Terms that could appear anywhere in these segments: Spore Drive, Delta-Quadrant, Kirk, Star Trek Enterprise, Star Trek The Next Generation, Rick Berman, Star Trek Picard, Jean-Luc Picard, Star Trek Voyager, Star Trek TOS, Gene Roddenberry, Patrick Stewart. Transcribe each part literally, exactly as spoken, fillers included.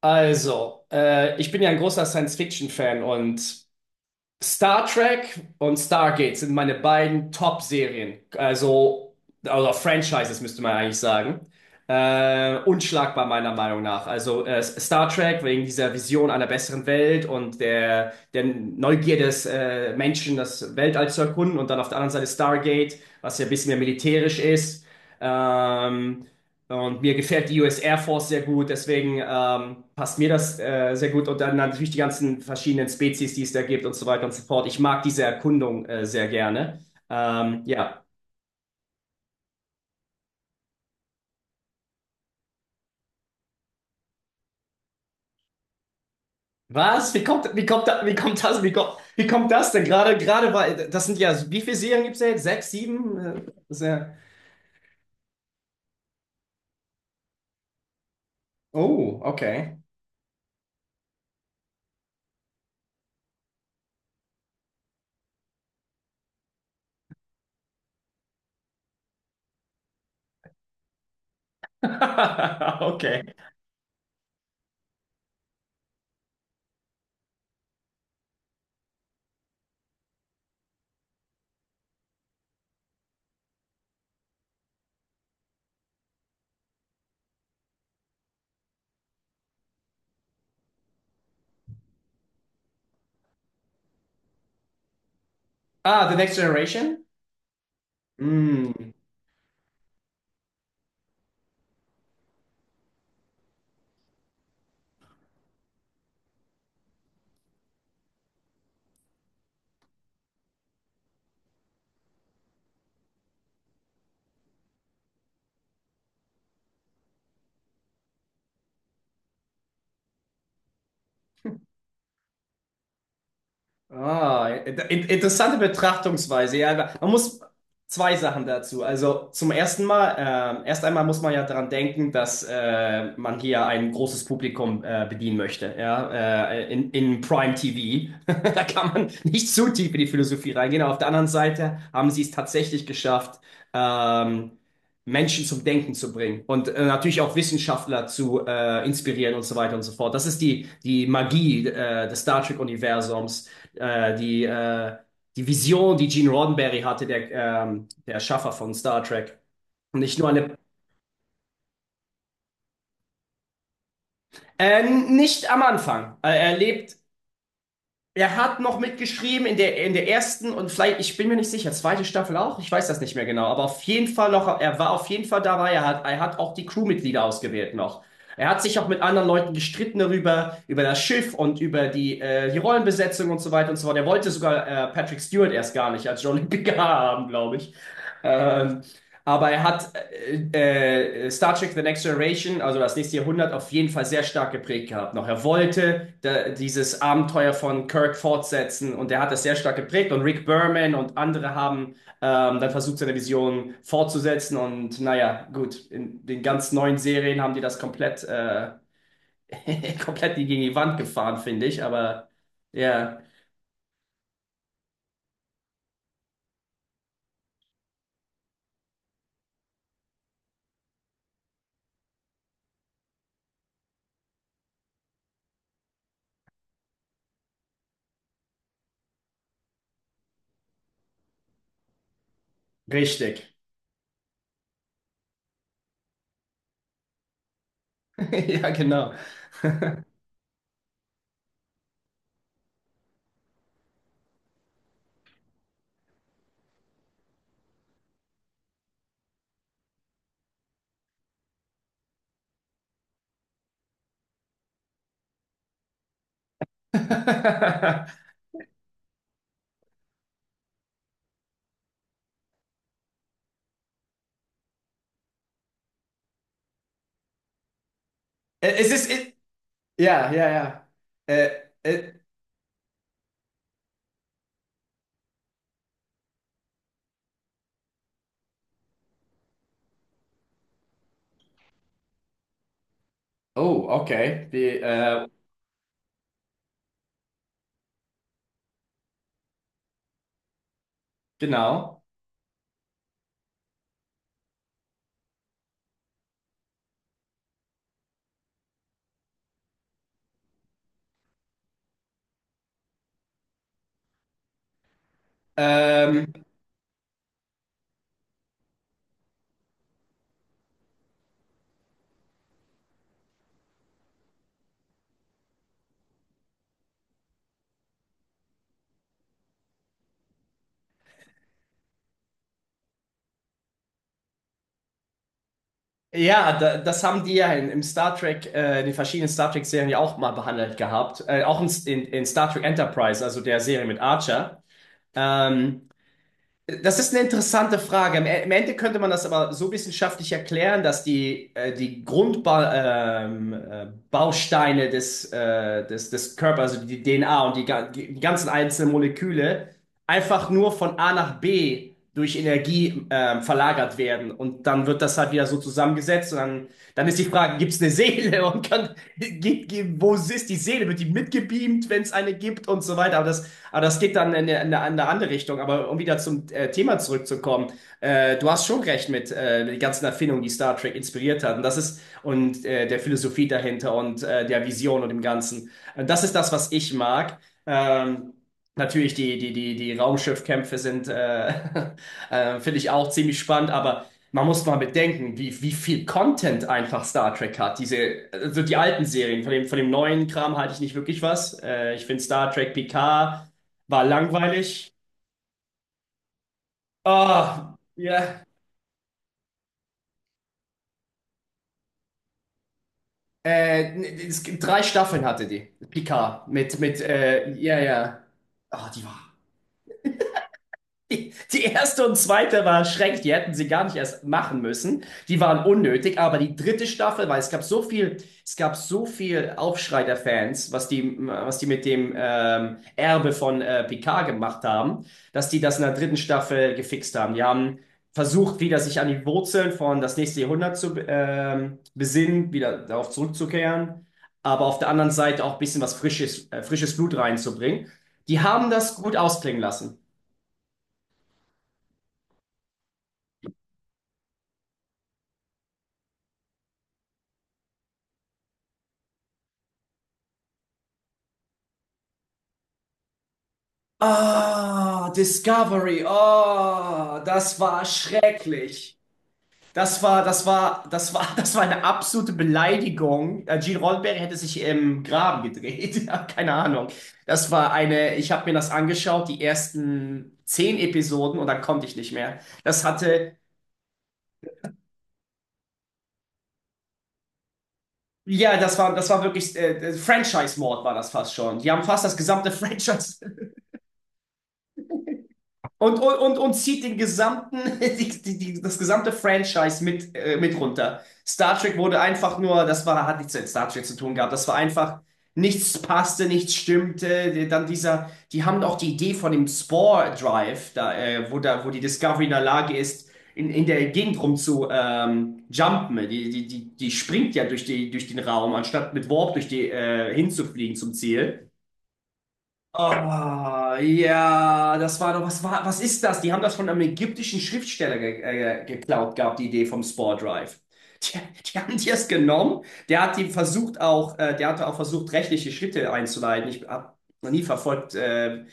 Also, äh, ich bin ja ein großer Science-Fiction-Fan, und Star Trek und Stargate sind meine beiden Top-Serien. Also, also Franchises müsste man eigentlich sagen. Äh, unschlagbar meiner Meinung nach. Also äh, Star Trek wegen dieser Vision einer besseren Welt und der, der Neugier des äh, Menschen, das Weltall zu erkunden. Und dann auf der anderen Seite Stargate, was ja ein bisschen mehr militärisch ist. Ähm, und mir gefällt die U S Air Force sehr gut, deswegen ähm, passt mir das äh, sehr gut. Und dann natürlich die ganzen verschiedenen Spezies, die es da gibt und so weiter und so fort. Ich mag diese Erkundung äh, sehr gerne. Ähm, ja. Was? Wie kommt, wie kommt, da, wie kommt das, wie kommt, wie kommt das denn? Gerade, gerade war, das sind ja, Wie viele Serien gibt es jetzt? Sechs, sieben? Äh, das ist ja, oh, okay. Okay. Ah, The Next Generation? Mm. Ah, in- interessante Betrachtungsweise. Ja, aber man muss zwei Sachen dazu. Also zum ersten Mal, ähm, erst einmal muss man ja daran denken, dass äh, man hier ein großes Publikum äh, bedienen möchte. Ja, äh, in, in Prime T V. Da kann man nicht zu tief in die Philosophie reingehen. Aber auf der anderen Seite haben sie es tatsächlich geschafft, ähm, Menschen zum Denken zu bringen und äh, natürlich auch Wissenschaftler zu äh, inspirieren und so weiter und so fort. Das ist die, die Magie äh, des Star Trek-Universums, äh, die, äh, die Vision, die Gene Roddenberry hatte, der, ähm, der Erschaffer von Star Trek. Nicht nur eine. Äh, nicht am Anfang. Äh, Er lebt. Er hat noch mitgeschrieben in der, in der ersten und vielleicht, ich bin mir nicht sicher, zweite Staffel auch, ich weiß das nicht mehr genau, aber auf jeden Fall noch, er war auf jeden Fall dabei, er hat, er hat auch die Crewmitglieder ausgewählt noch. Er hat sich auch mit anderen Leuten gestritten darüber, über das Schiff und über die, äh, die Rollenbesetzung und so weiter und so fort. Er wollte sogar äh, Patrick Stewart erst gar nicht als Jean-Luc Picard haben, glaube ich. Ähm, aber er hat äh, äh, Star Trek The Next Generation, also das nächste Jahrhundert, auf jeden Fall sehr stark geprägt gehabt noch. Er wollte da, dieses Abenteuer von Kirk fortsetzen, und er hat das sehr stark geprägt. Und Rick Berman und andere haben ähm, dann versucht, seine Vision fortzusetzen. Und naja, gut, in den ganz neuen Serien haben die das komplett, äh, komplett gegen die Wand gefahren, finde ich. Aber ja, richtig. Ja, genau. Es ist. Ja, ja, ja. Äh, äh, oh, okay. Die, äh, genau. Ähm, ja, da, das haben die ja in, im Star Trek, äh, die verschiedenen Star Trek-Serien ja auch mal behandelt gehabt. Äh, auch in, in, in Star Trek Enterprise, also der Serie mit Archer. Ähm, Das ist eine interessante Frage. Im, E- im Ende könnte man das aber so wissenschaftlich erklären, dass die, äh, die Grundbausteine des, äh, des, des Körpers, also die D N A und die, ga- die ganzen einzelnen Moleküle, einfach nur von A nach B durch Energie ähm, verlagert werden. Und dann wird das halt wieder so zusammengesetzt. Und dann, dann ist die Frage, gibt es eine Seele? Und kann, gibt, gibt, wo ist die Seele? Wird die mitgebeamt, wenn es eine gibt und so weiter? Aber das, aber das geht dann in eine, in eine in eine andere Richtung. Aber um wieder zum äh, Thema zurückzukommen, äh, du hast schon recht mit äh, den ganzen Erfindungen, die Star Trek inspiriert hat. Und das ist, und äh, der Philosophie dahinter und äh, der Vision und dem Ganzen. Und das ist das, was ich mag. Ähm, Natürlich, die, die, die, die Raumschiffkämpfe sind, äh, äh, finde ich auch ziemlich spannend, aber man muss mal bedenken, wie, wie viel Content einfach Star Trek hat. Diese, also die alten Serien, von dem, von dem neuen Kram halte ich nicht wirklich was. Äh, ich finde Star Trek Picard war langweilig. Ah, ja. Äh, es gibt drei Staffeln hatte die, Picard, mit, mit, äh, ja, ja. Ah, die war Die, die erste und zweite war schrecklich, die hätten sie gar nicht erst machen müssen. Die waren unnötig, aber die dritte Staffel, weil es gab so viel, es gab so viel Aufschrei der Fans, was die, was die mit dem ähm, Erbe von äh, Picard gemacht haben, dass die das in der dritten Staffel gefixt haben. Die haben versucht, wieder sich an die Wurzeln von das nächste Jahrhundert zu ähm, besinnen, wieder darauf zurückzukehren, aber auf der anderen Seite auch ein bisschen was Frisches, äh, frisches Blut reinzubringen. Die haben das gut ausklingen lassen. Ah, Discovery. Oh, das war schrecklich. Das war, das war, das war, das war eine absolute Beleidigung. Äh, Gene Roddenberry hätte sich im Graben gedreht. Ja, keine Ahnung. Das war eine, ich habe mir das angeschaut, die ersten zehn Episoden und dann konnte ich nicht mehr. Das hatte, ja, das war, das war wirklich, äh, äh, Franchise-Mord war das fast schon. Die haben fast das gesamte Franchise. Und, und, und, und zieht den gesamten, die, die, die, das gesamte Franchise mit, äh, mit runter. Star Trek wurde einfach nur, das war, hat nichts mit Star Trek zu tun gehabt, das war einfach, nichts passte, nichts stimmte. Dann dieser, die haben auch die Idee von dem Spore Drive, da, äh, wo, da, wo die Discovery in der Lage ist, in, in der Gegend rum zu ähm, jumpen. Die, die, die, die springt ja durch, die, durch den Raum, anstatt mit Warp durch die, äh, hinzufliegen zum Ziel. Ah, ja, das war doch, was war, was ist das? Die haben das von einem ägyptischen Schriftsteller ge äh, geklaut gehabt, die Idee vom Spore Drive. Die, die haben die es genommen. Der hat die versucht auch, äh, der hatte auch versucht, rechtliche Schritte einzuleiten. Ich habe noch nie verfolgt, äh,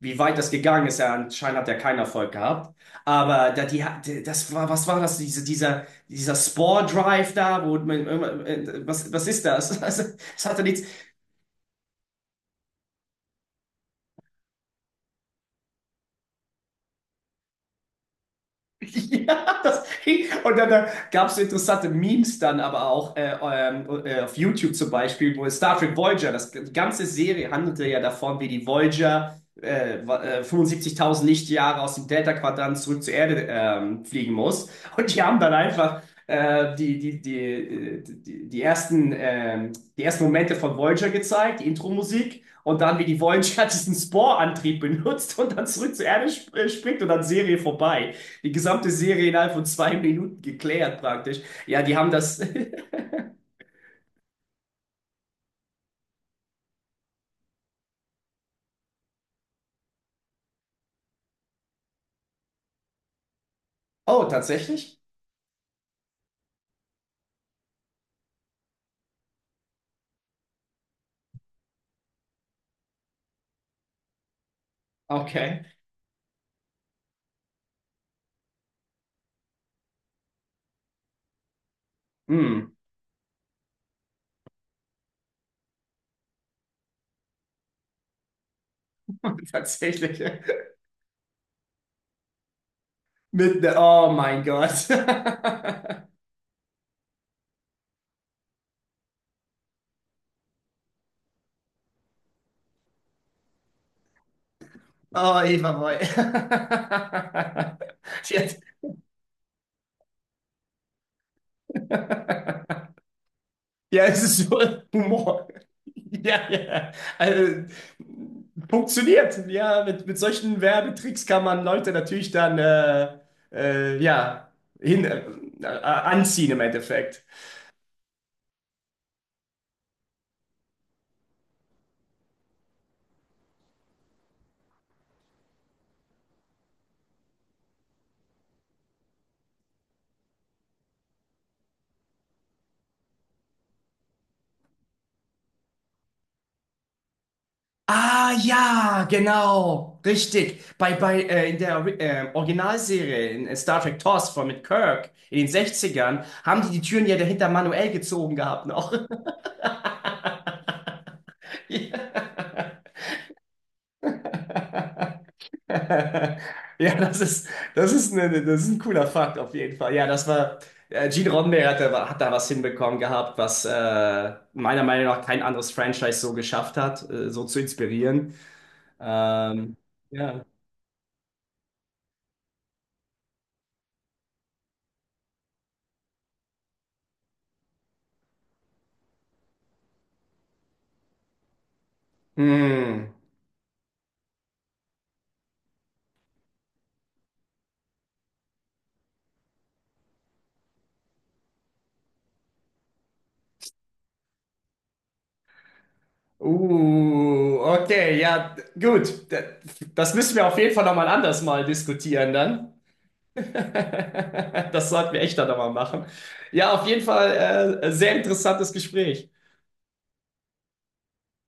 wie weit das gegangen ist. Ja, anscheinend hat er keinen Erfolg gehabt. Aber da, die, hat- das war, Was war das? Diese, dieser, dieser Spore Drive da, wo man, irgendwann- äh, was, was ist das? Das hatte nichts. Ja, das, und dann, dann gab es interessante Memes dann aber auch äh, ähm, äh, auf YouTube zum Beispiel, wo es Star Trek Voyager, das, die ganze Serie handelte ja davon, wie die Voyager äh, wa- äh, fünfundsiebzigtausend Lichtjahre aus dem Delta-Quadrant zurück zur Erde ähm, fliegen muss. Und die haben dann einfach äh, die, die, die, äh, die, die ersten, ähm, die ersten Momente von Voyager gezeigt, die Intro-Musik. Und dann, wie die Voyager diesen Sporantrieb benutzt und dann zurück zur Erde sp äh, springt und dann Serie vorbei. Die gesamte Serie innerhalb von zwei Minuten geklärt praktisch. Ja, die haben das. Oh, tatsächlich? Okay. Hm, tatsächlich. Mit ne Oh mein Gott. Oh, Eva Boy. Sie hat- Ja, es ist so Humor. Ja, ja. Also, funktioniert. Ja, mit, mit solchen Werbetricks kann man Leute natürlich dann äh, äh, ja, hin, äh, anziehen im Endeffekt. Ah ja, genau, richtig. Bei, bei äh, In der äh, Originalserie in äh, Star Trek T O S von mit Kirk in den Sechzigern haben die die Türen ja dahinter manuell gezogen gehabt noch. Ja, ja, das ist, das ist, ne, ne- das ist ein cooler Fakt auf jeden Fall. Ja, das war, äh, Gene Roddenberry hat da, hat da was hinbekommen gehabt, was äh, meiner Meinung nach kein anderes Franchise so geschafft hat, äh, so zu inspirieren. Ähm, ja. Hm. Uh, okay, ja, gut. D- Das müssen wir auf jeden Fall nochmal anders mal diskutieren dann. Das sollten wir echt dann nochmal machen. Ja, auf jeden Fall äh, sehr interessantes Gespräch.